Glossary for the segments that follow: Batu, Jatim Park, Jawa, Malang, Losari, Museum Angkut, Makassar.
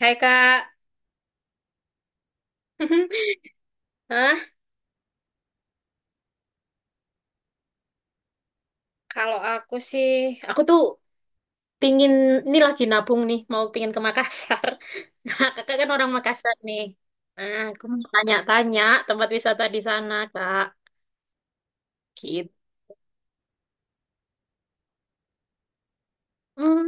Hai, Kak. Hah? Kalau aku sih, aku tuh pingin, ini lagi nabung nih, mau pingin ke Makassar. Nah, kakak kan orang Makassar nih. Nah, aku mau tanya-tanya tempat wisata di sana, Kak. Gitu. Hmm,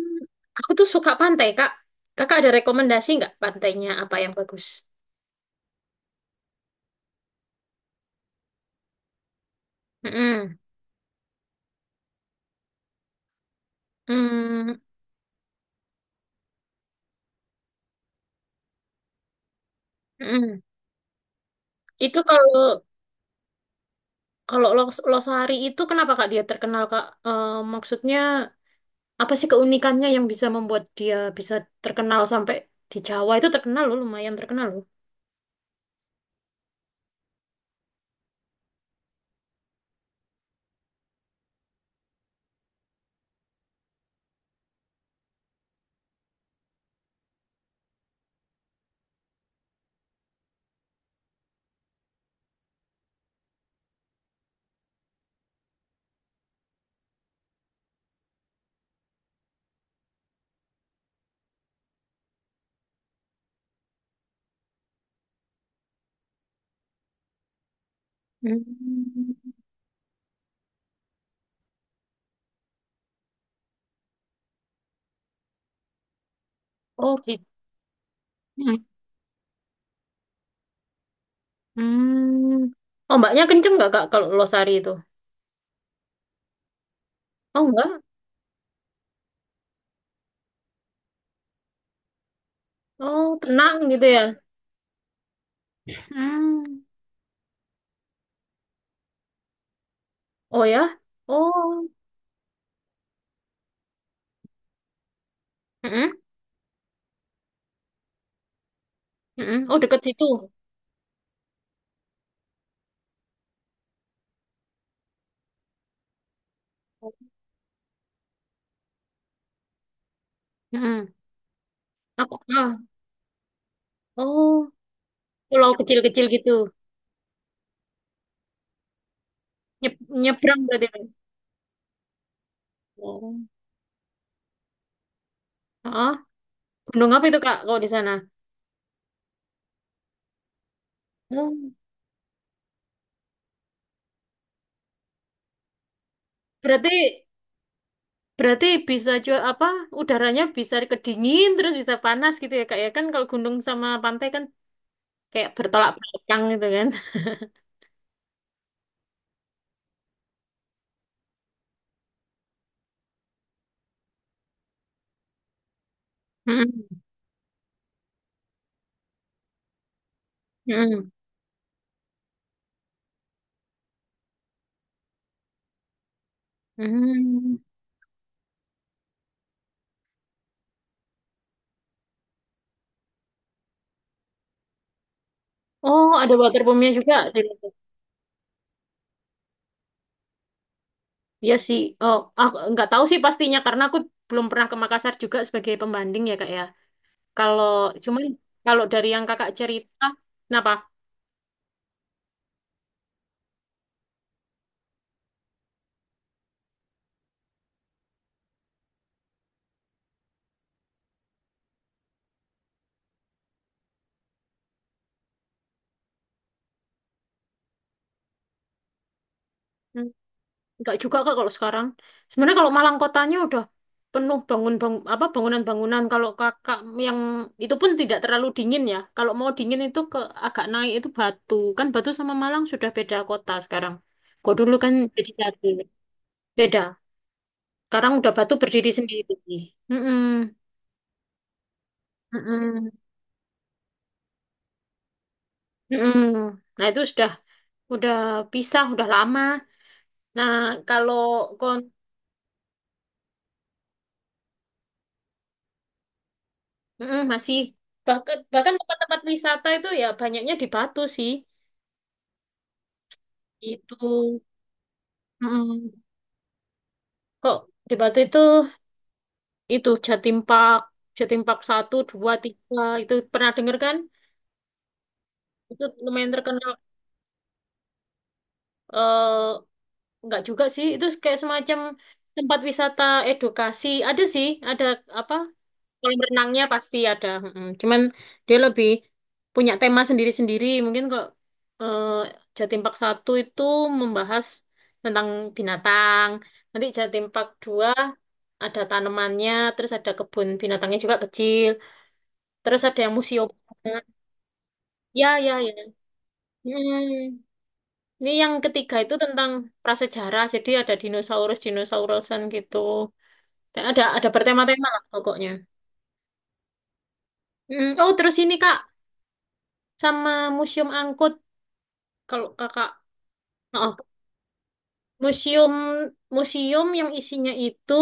aku tuh suka pantai, Kak. Kakak ada rekomendasi nggak pantainya apa yang bagus? Mm-mm. Hmm, mm-mm. Itu kalau kalau Losari itu kenapa, Kak, dia terkenal, Kak? Eh, maksudnya apa sih keunikannya yang bisa membuat dia bisa terkenal sampai di Jawa itu terkenal loh, lumayan terkenal loh. Hmm. Oh, gitu. Hmm. Hmm. Oh, mbaknya kenceng nggak, Kak, kalau Losari itu? Oh, enggak. Oh, tenang gitu ya. Hmm. Oh, ya. Oh. Mm-mm. Mm-mm. Oh, deket situ. Mm-mm. Aku ah. Oh, pulau kecil-kecil gitu. Nyebrang berarti. Oh. Ah, gunung apa itu, Kak, kalau di sana? Oh. Berarti Berarti bisa juga apa udaranya bisa kedingin terus bisa panas gitu ya, Kak, ya kan, kalau gunung sama pantai kan kayak bertolak belakang gitu kan. Mm-mm. Mm-mm. Mm. Oh, ada water pumpnya juga di situ. Iya sih. Oh, aku nggak tahu sih pastinya karena aku belum pernah ke Makassar juga sebagai pembanding ya, Kak, ya. Kalau cuman kalau dari yang Kakak cerita, kenapa? Enggak juga, Kak, kalau sekarang. Sebenarnya kalau Malang kotanya udah penuh apa bangunan-bangunan. Kalau Kakak yang itu pun tidak terlalu dingin ya. Kalau mau dingin itu ke agak naik itu Batu. Kan Batu sama Malang sudah beda kota sekarang. Kok dulu kan jadi satu. Beda. Sekarang udah Batu berdiri sendiri. Mm-mm. Mm-mm. Mm-mm. Nah, itu sudah udah pisah, udah lama. Nah, kalau kon mm-mm, masih bahkan bahkan tempat-tempat wisata itu ya banyaknya di Batu sih. Itu mm, kok Debato itu Jatim Park, Jatim Park 1, 2, 3 itu pernah denger kan? Itu lumayan terkenal eh nggak juga sih, itu kayak semacam tempat wisata edukasi. Ada sih, ada apa? Kolam renangnya pasti ada, cuman dia lebih punya tema sendiri-sendiri. Mungkin kok eh, Jatim Park 1 itu membahas tentang binatang. Nanti Jatim Park 2 ada tanamannya, terus ada kebun binatangnya juga kecil. Terus ada yang museum. Ya, ya, ya. Mm. Ini yang ketiga itu tentang prasejarah. Jadi ada dinosaurus-dinosaurusan gitu. Ada bertema-tema lah pokoknya. Mm. Oh, terus ini, Kak, sama Museum Angkut. Kalau kakak, oh, museum museum yang isinya itu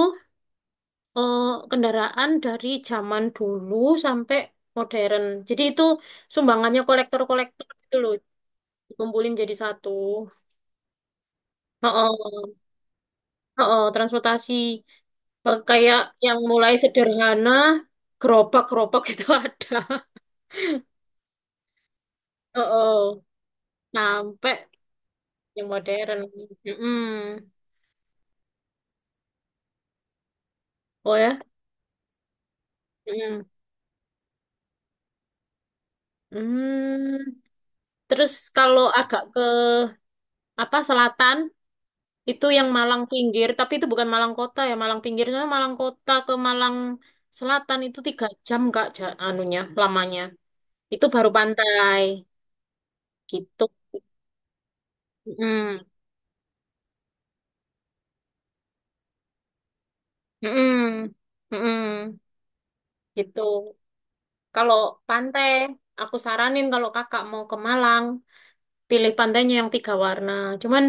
eh, kendaraan dari zaman dulu sampai modern. Jadi itu sumbangannya kolektor-kolektor itu loh, dikumpulin jadi satu. Oh, oh, oh, oh, transportasi. Eh, kayak yang mulai sederhana, gerobak-gerobak itu ada. Oh, oh, sampai yang modern. Mm-mm. Oh, ya. Mm-mm. Hmm. Terus kalau agak ke apa selatan, itu yang Malang pinggir, tapi itu bukan Malang kota ya, Malang pinggir soalnya Malang kota ke Malang Selatan itu 3 jam, Kak, anunya lamanya. Itu baru pantai gitu. Mm. Mm-mm. Mm-mm. Gitu. Kalau pantai, aku saranin kalau kakak mau ke Malang, pilih pantainya yang tiga warna. Cuman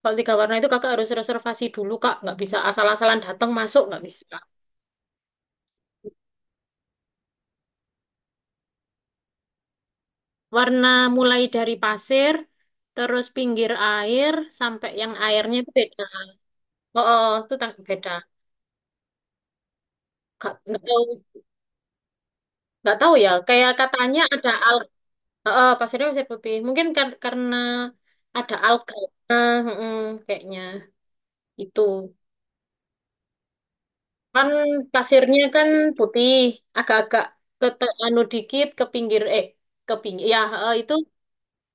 kalau tiga warna itu kakak harus reservasi dulu, Kak, nggak bisa asal-asalan datang masuk nggak bisa. Warna mulai dari pasir, terus pinggir air, sampai yang airnya itu beda. Oh, oh oh, itu tang beda. Gak, nggak tahu ya. Kayak katanya ada alga. Oh, oh, pasirnya pasir putih. Mungkin karena ada alga. Nah, mm-mm, kayaknya itu. Kan pasirnya kan putih, agak-agak ke anu dikit ke pinggir. Ya, oh, itu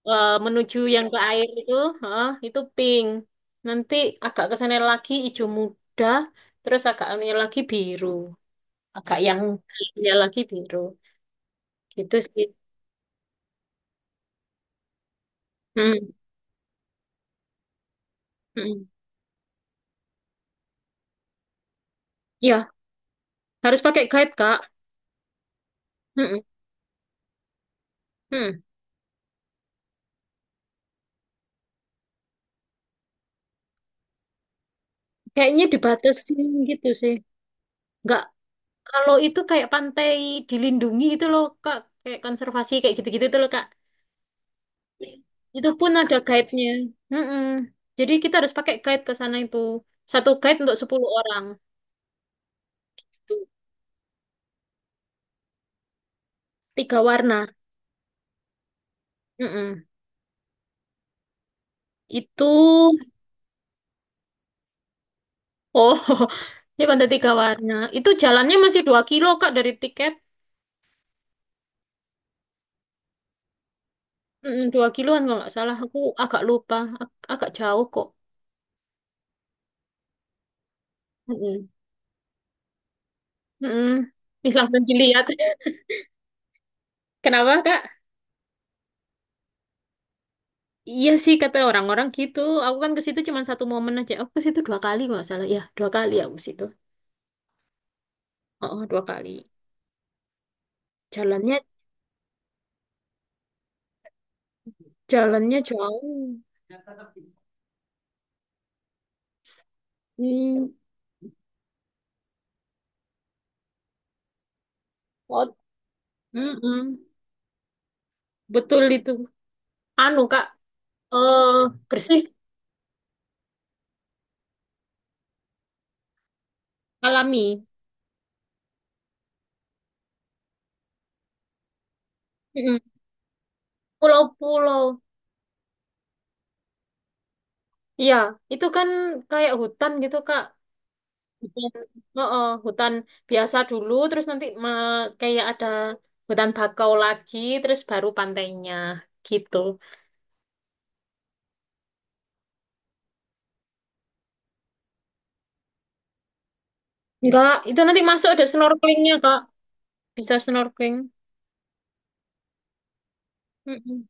menuju yang ke air itu, heeh, itu pink. Nanti agak ke sana lagi hijau muda, terus agak yang anunya lagi biru, gitu sih. Hmm, hmm. Ya, harus pakai guide, Kak. Hmm, hmm. Kayaknya dibatasin gitu sih. Nggak, kalau itu kayak pantai dilindungi gitu loh, Kak, kayak konservasi kayak gitu-gitu tuh loh, Kak. Itu pun ada guide-nya. Hmm, hmm. Jadi kita harus pakai guide ke sana itu. Satu guide untuk 10 orang. Tiga warna. Mm-mm. Itu, oh, ini pantai tiga warna. Itu jalannya masih 2 kilo, Kak, dari tiket. Mm-mm, 2 kiloan kalau nggak salah. Aku agak lupa. Agak jauh kok. Mm-mm. Mm-mm. Ih, langsung dilihat. Kenapa, Kak? Iya sih, kata orang-orang gitu. Aku kan ke situ cuma satu momen aja. Aku ke situ 2 kali kalau nggak salah. Ya, 2 kali aku ke situ. Oh, oh, 2 kali. Jalannya, jalannya jauh. Hmm. Oh, mm-mm. Betul itu. Anu, Kak, eh bersih, alami. Mm-mm. Pulau-pulau. Iya, itu kan kayak hutan gitu, Kak. Hutan, oh, oh, hutan biasa dulu, terus nanti kayak ada hutan bakau lagi, terus baru pantainya gitu. Enggak, itu nanti masuk ada snorkelingnya, Kak. Bisa snorkeling. Mm-mm.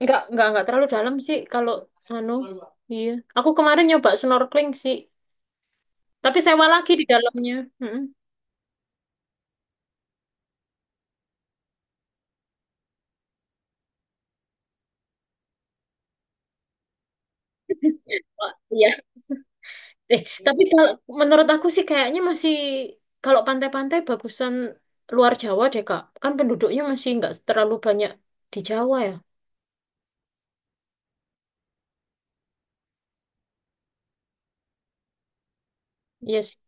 Enggak terlalu dalam sih kalau anu. Iya, aku kemarin nyoba snorkeling sih, tapi sewa lagi di dalamnya. Mm-mm. Wah, iya. Tapi kalau menurut aku sih kayaknya masih kalau pantai-pantai bagusan luar Jawa deh, Kak. Kan penduduknya masih nggak terlalu banyak di Jawa ya. Iya sih.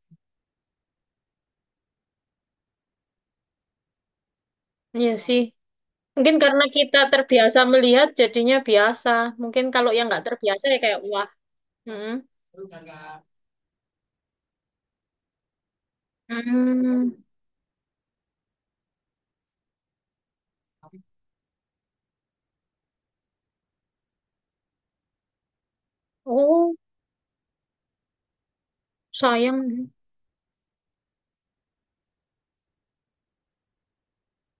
Iya sih. Mungkin karena kita terbiasa melihat jadinya biasa. Mungkin kalau yang nggak terbiasa ya kayak wah. Hmm. Hmm. Oh, sayang.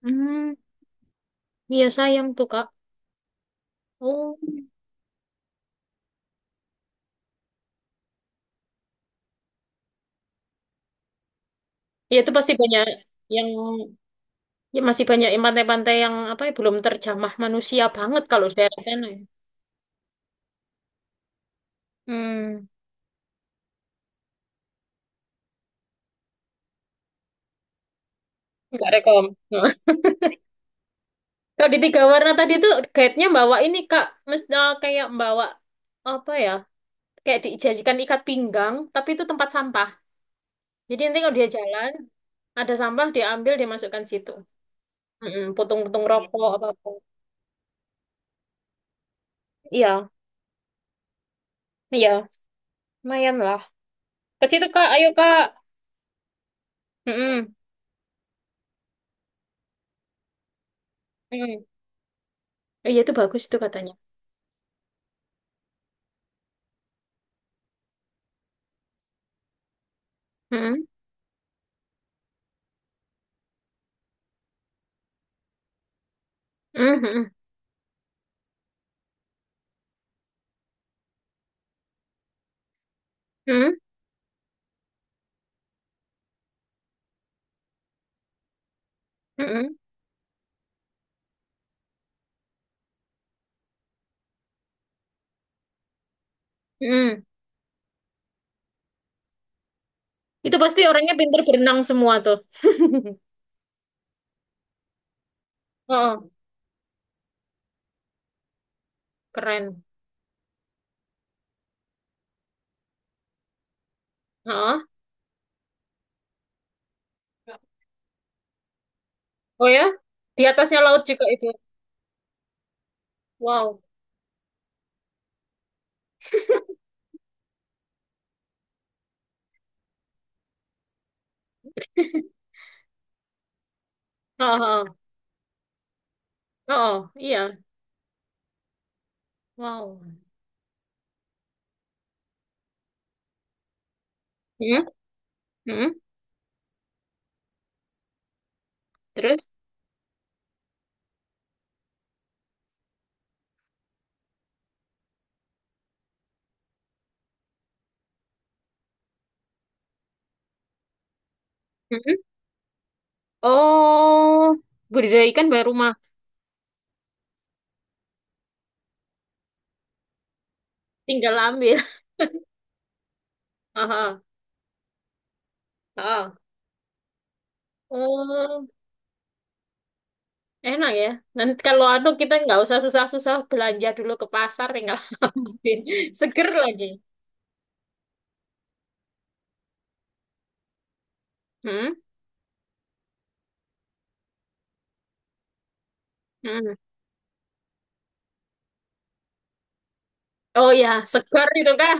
Hmm. Iya sayang tuh, Kak. Oh. Ya itu pasti banyak yang ya masih banyak yang pantai-pantai yang apa ya belum terjamah manusia banget kalau daerah sana ya. Hmm. Nggak rekom. Kalau di tiga warna tadi tuh guide-nya bawa ini, Kak, mesti kayak bawa apa ya? Kayak dijajikan ikat pinggang, tapi itu tempat sampah. Jadi nanti kalau dia jalan, ada sampah diambil dimasukkan situ. Mm-mm, putung-putung rokok apa apa. Iya, iya, lumayan lah. Ke situ, Kak, ayo, Kak. Mm-mm, mm-mm. Oh, iya itu bagus itu katanya. Mm-mm, mm-mm, mm-mm, mm-mm, mm-mm, mm-mm. Itu pasti orangnya pinter berenang semua tuh. Oh, keren. Oh. Oh ya, di atasnya laut juga itu. Wow. Oh, oh, oh, oh, iya. Wow. Hmm, hmm, terus? Hmm. Oh, budidaya ikan baru rumah. Tinggal ambil. Oh, oh, oh. Oh, enak ya. Nanti kalau anu kita nggak usah susah-susah belanja dulu ke pasar, tinggal ambil. Seger lagi. Hmm, hmm. Oh ya, seger itu, Kak.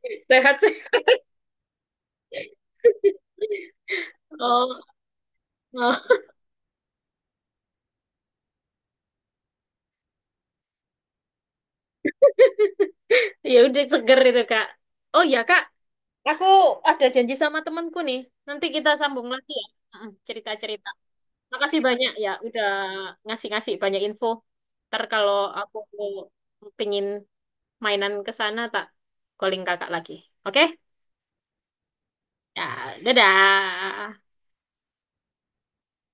Sehat sih. Oh, oh, ya udah seger itu, Kak. Oh ya, Kak. Aku ada janji sama temanku nih. Nanti kita sambung lagi ya. Heeh, cerita-cerita. Makasih banyak ya udah ngasih-ngasih banyak info. Ntar kalau aku pengin mainan ke sana tak calling kakak lagi. Oke? Ya, dadah.